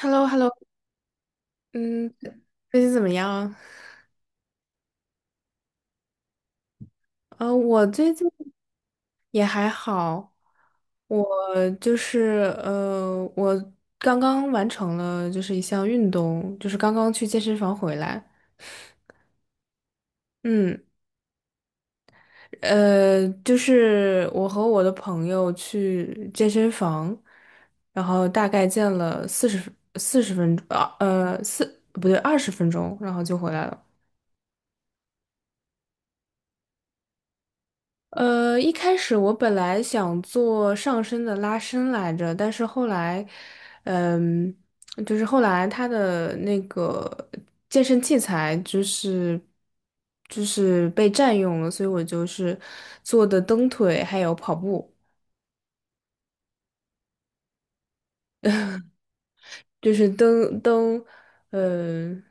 h e l l o hello 嗯，最近怎么样？我最近也还好，我就是呃，我刚刚完成了就是一项运动，就是刚刚去健身房回来。嗯，就是我和我的朋友去健身房，然后大概健了40分钟，四不对，20分钟，然后就回来了。一开始我本来想做上身的拉伸来着，但是后来，嗯，就是后来他的那个健身器材就是被占用了，所以我就是做的蹬腿还有跑步，就是蹬蹬，呃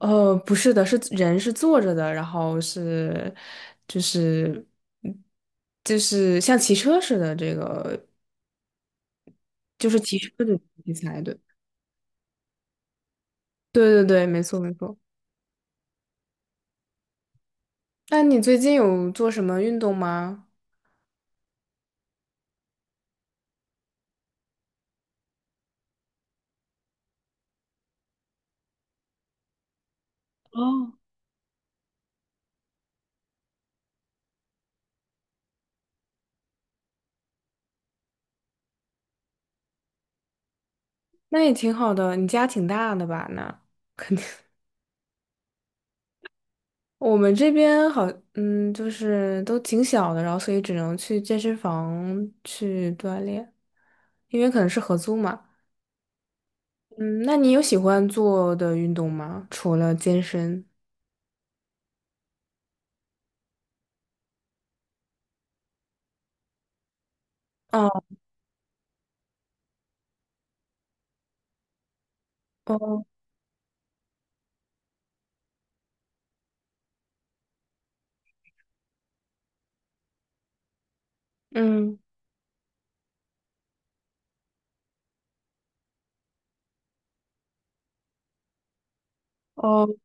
不是的，是人是坐着的，然后是就是嗯就是像骑车似的这个。就是骑车的题材的。对对对，没错没错。那你最近有做什么运动吗？那也挺好的，你家挺大的吧？那肯定，我们这边好，就是都挺小的，然后所以只能去健身房去锻炼，因为可能是合租嘛。嗯，那你有喜欢做的运动吗？除了健身？哦哦，嗯，哦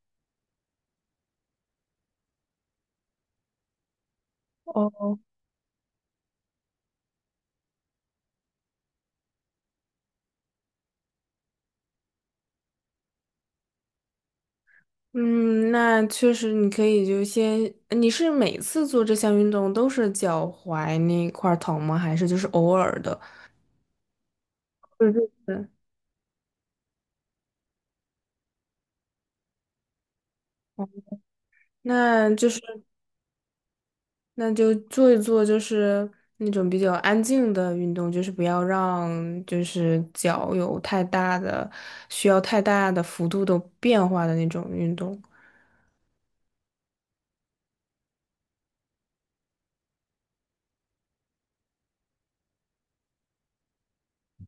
哦。嗯，那确实，你可以就先，你是每次做这项运动都是脚踝那块儿疼吗？还是就是偶尔的？对对对。那就是那就做一做，就是那种比较安静的运动，就是不要让就是脚有太大的需要太大的幅度的变化的那种运动。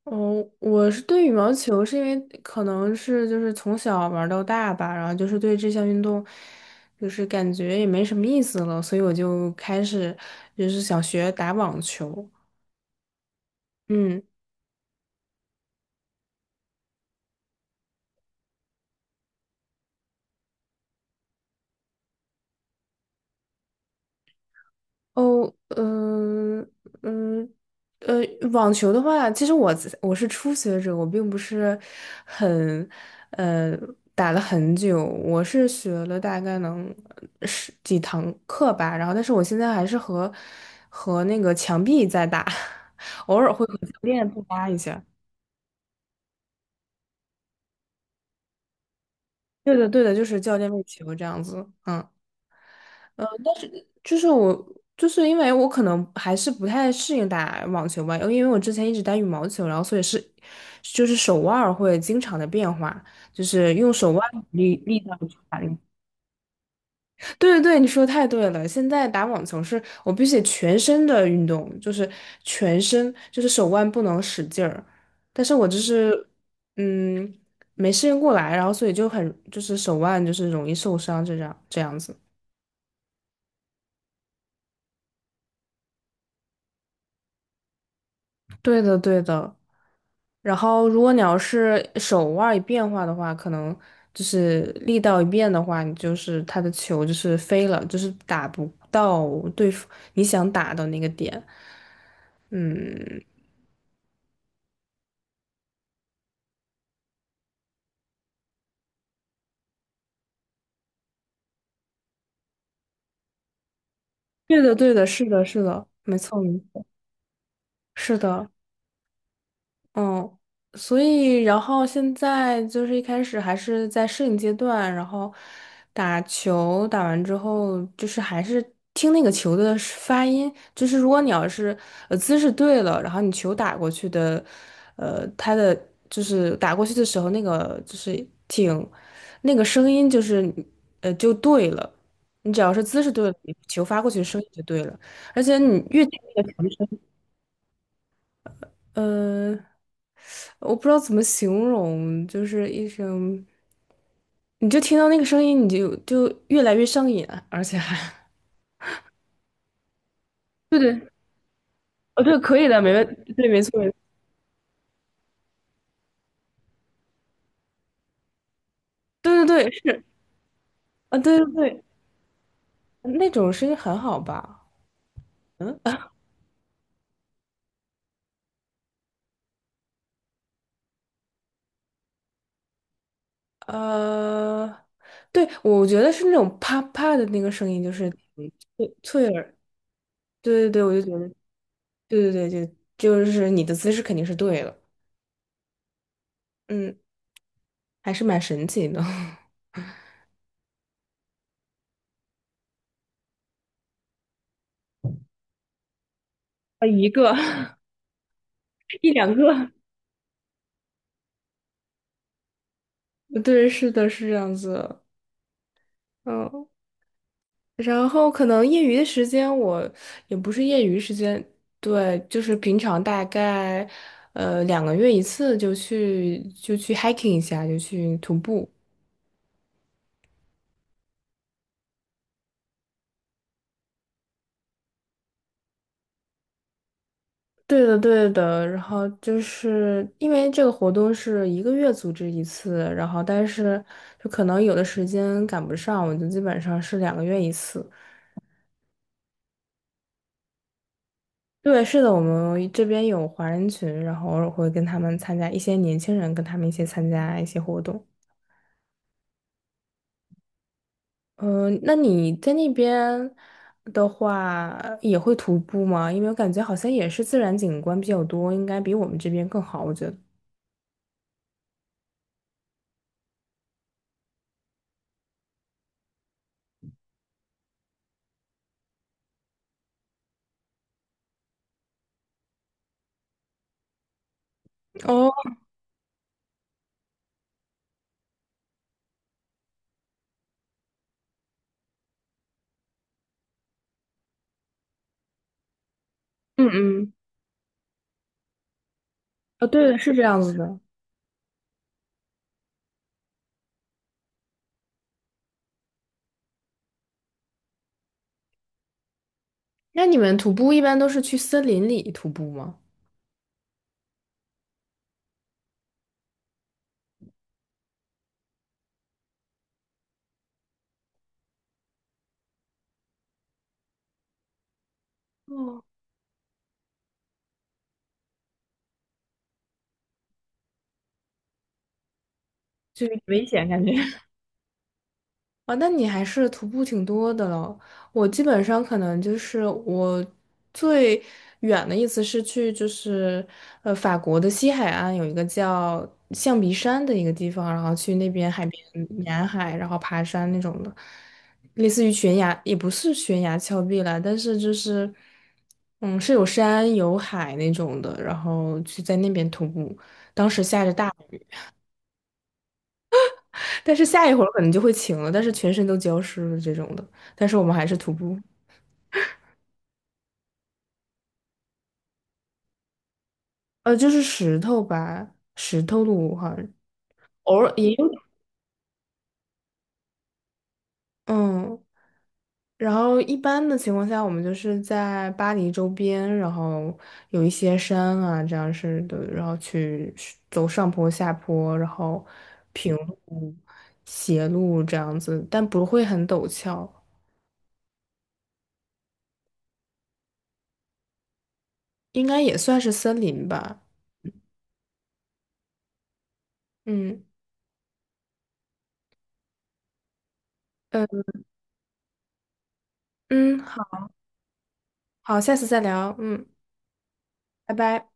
哦，我是对羽毛球，是因为可能是就是从小玩到大吧，然后就是对这项运动，就是感觉也没什么意思了，所以我就开始就是想学打网球。嗯。哦，嗯嗯，呃，网球的话，其实我是初学者，我并不是很呃打了很久，我是学了大概能十几堂课吧，然后但是我现在还是和那个墙壁在打，偶尔会和教练对搭一下。对的，对的，就是教练为球这样子，嗯。就是我，就是因为我可能还是不太适应打网球吧，因为我之前一直打羽毛球，然后所以是，就是手腕儿会经常的变化，就是用手腕力道去打那个。对对对，你说得太对了。现在打网球是我必须得全身的运动，就是全身，就是手腕不能使劲儿。但是我就是，嗯，没适应过来，然后所以就很，就是手腕就是容易受伤，这样子。对的对的。然后，如果你要是手腕儿一变化的话，可能就是力道一变的话，你就是他的球就是飞了，就是打不到对付你想打的那个点。嗯，对的，对的，是的，是的，没错，没错，是的。嗯，所以然后现在就是一开始还是在适应阶段，然后打球打完之后，就是还是听那个球的是发音，就是如果你要是姿势对了，然后你球打过去的，它的就是打过去的时候那个就是挺那个声音就是就对了，你只要是姿势对了，你球发过去的声音就对了，而且你越，听那个球呃，我不知道怎么形容，就是一声，你就听到那个声音，你就越来越上瘾啊，而且还，对对，哦对，可以的，没问，对，没错，没错对对对，是啊，对对对，那种声音很好吧？嗯 呃，对，我觉得是那种啪啪的那个声音，就是脆脆耳，对对对，我就觉得，对对对，就是你的姿势肯定是对了，嗯，还是蛮神奇的。啊，一个 一两个，对，是的，是这样子。嗯，然后可能业余的时间我也不是业余时间，对，就是平常大概两个月一次就去 hiking 一下，就去徒步。对的，对的。然后就是因为这个活动是1个月组织一次，然后但是就可能有的时间赶不上，我就基本上是两个月一次。对，是的，我们这边有华人群，然后偶尔会跟他们参加一些年轻人跟他们一起参加一些活动。嗯、那你在那边的话也会徒步吗？因为我感觉好像也是自然景观比较多，应该比我们这边更好，我觉得。哦，嗯嗯，哦，对的，是这样子的。那你们徒步一般都是去森林里徒步吗？哦，就有点危险感觉。啊，那你还是徒步挺多的了。我基本上可能就是我最远的意思是去就是法国的西海岸有一个叫象鼻山的一个地方，然后去那边海边沿海，然后爬山那种的，类似于悬崖，也不是悬崖峭壁啦，但是就是是有山有海那种的，然后去在那边徒步，当时下着大雨。但是下一会儿可能就会晴了，但是全身都浇湿了这种的。但是我们还是徒步，就是石头吧，石头路好像偶尔也有，嗯。然后一般的情况下，我们就是在巴黎周边，然后有一些山啊，这样式的，然后去是走上坡、下坡，然后平路、斜路这样子，但不会很陡峭，应该也算是森林吧。嗯嗯嗯，好好，下次再聊。嗯。拜拜。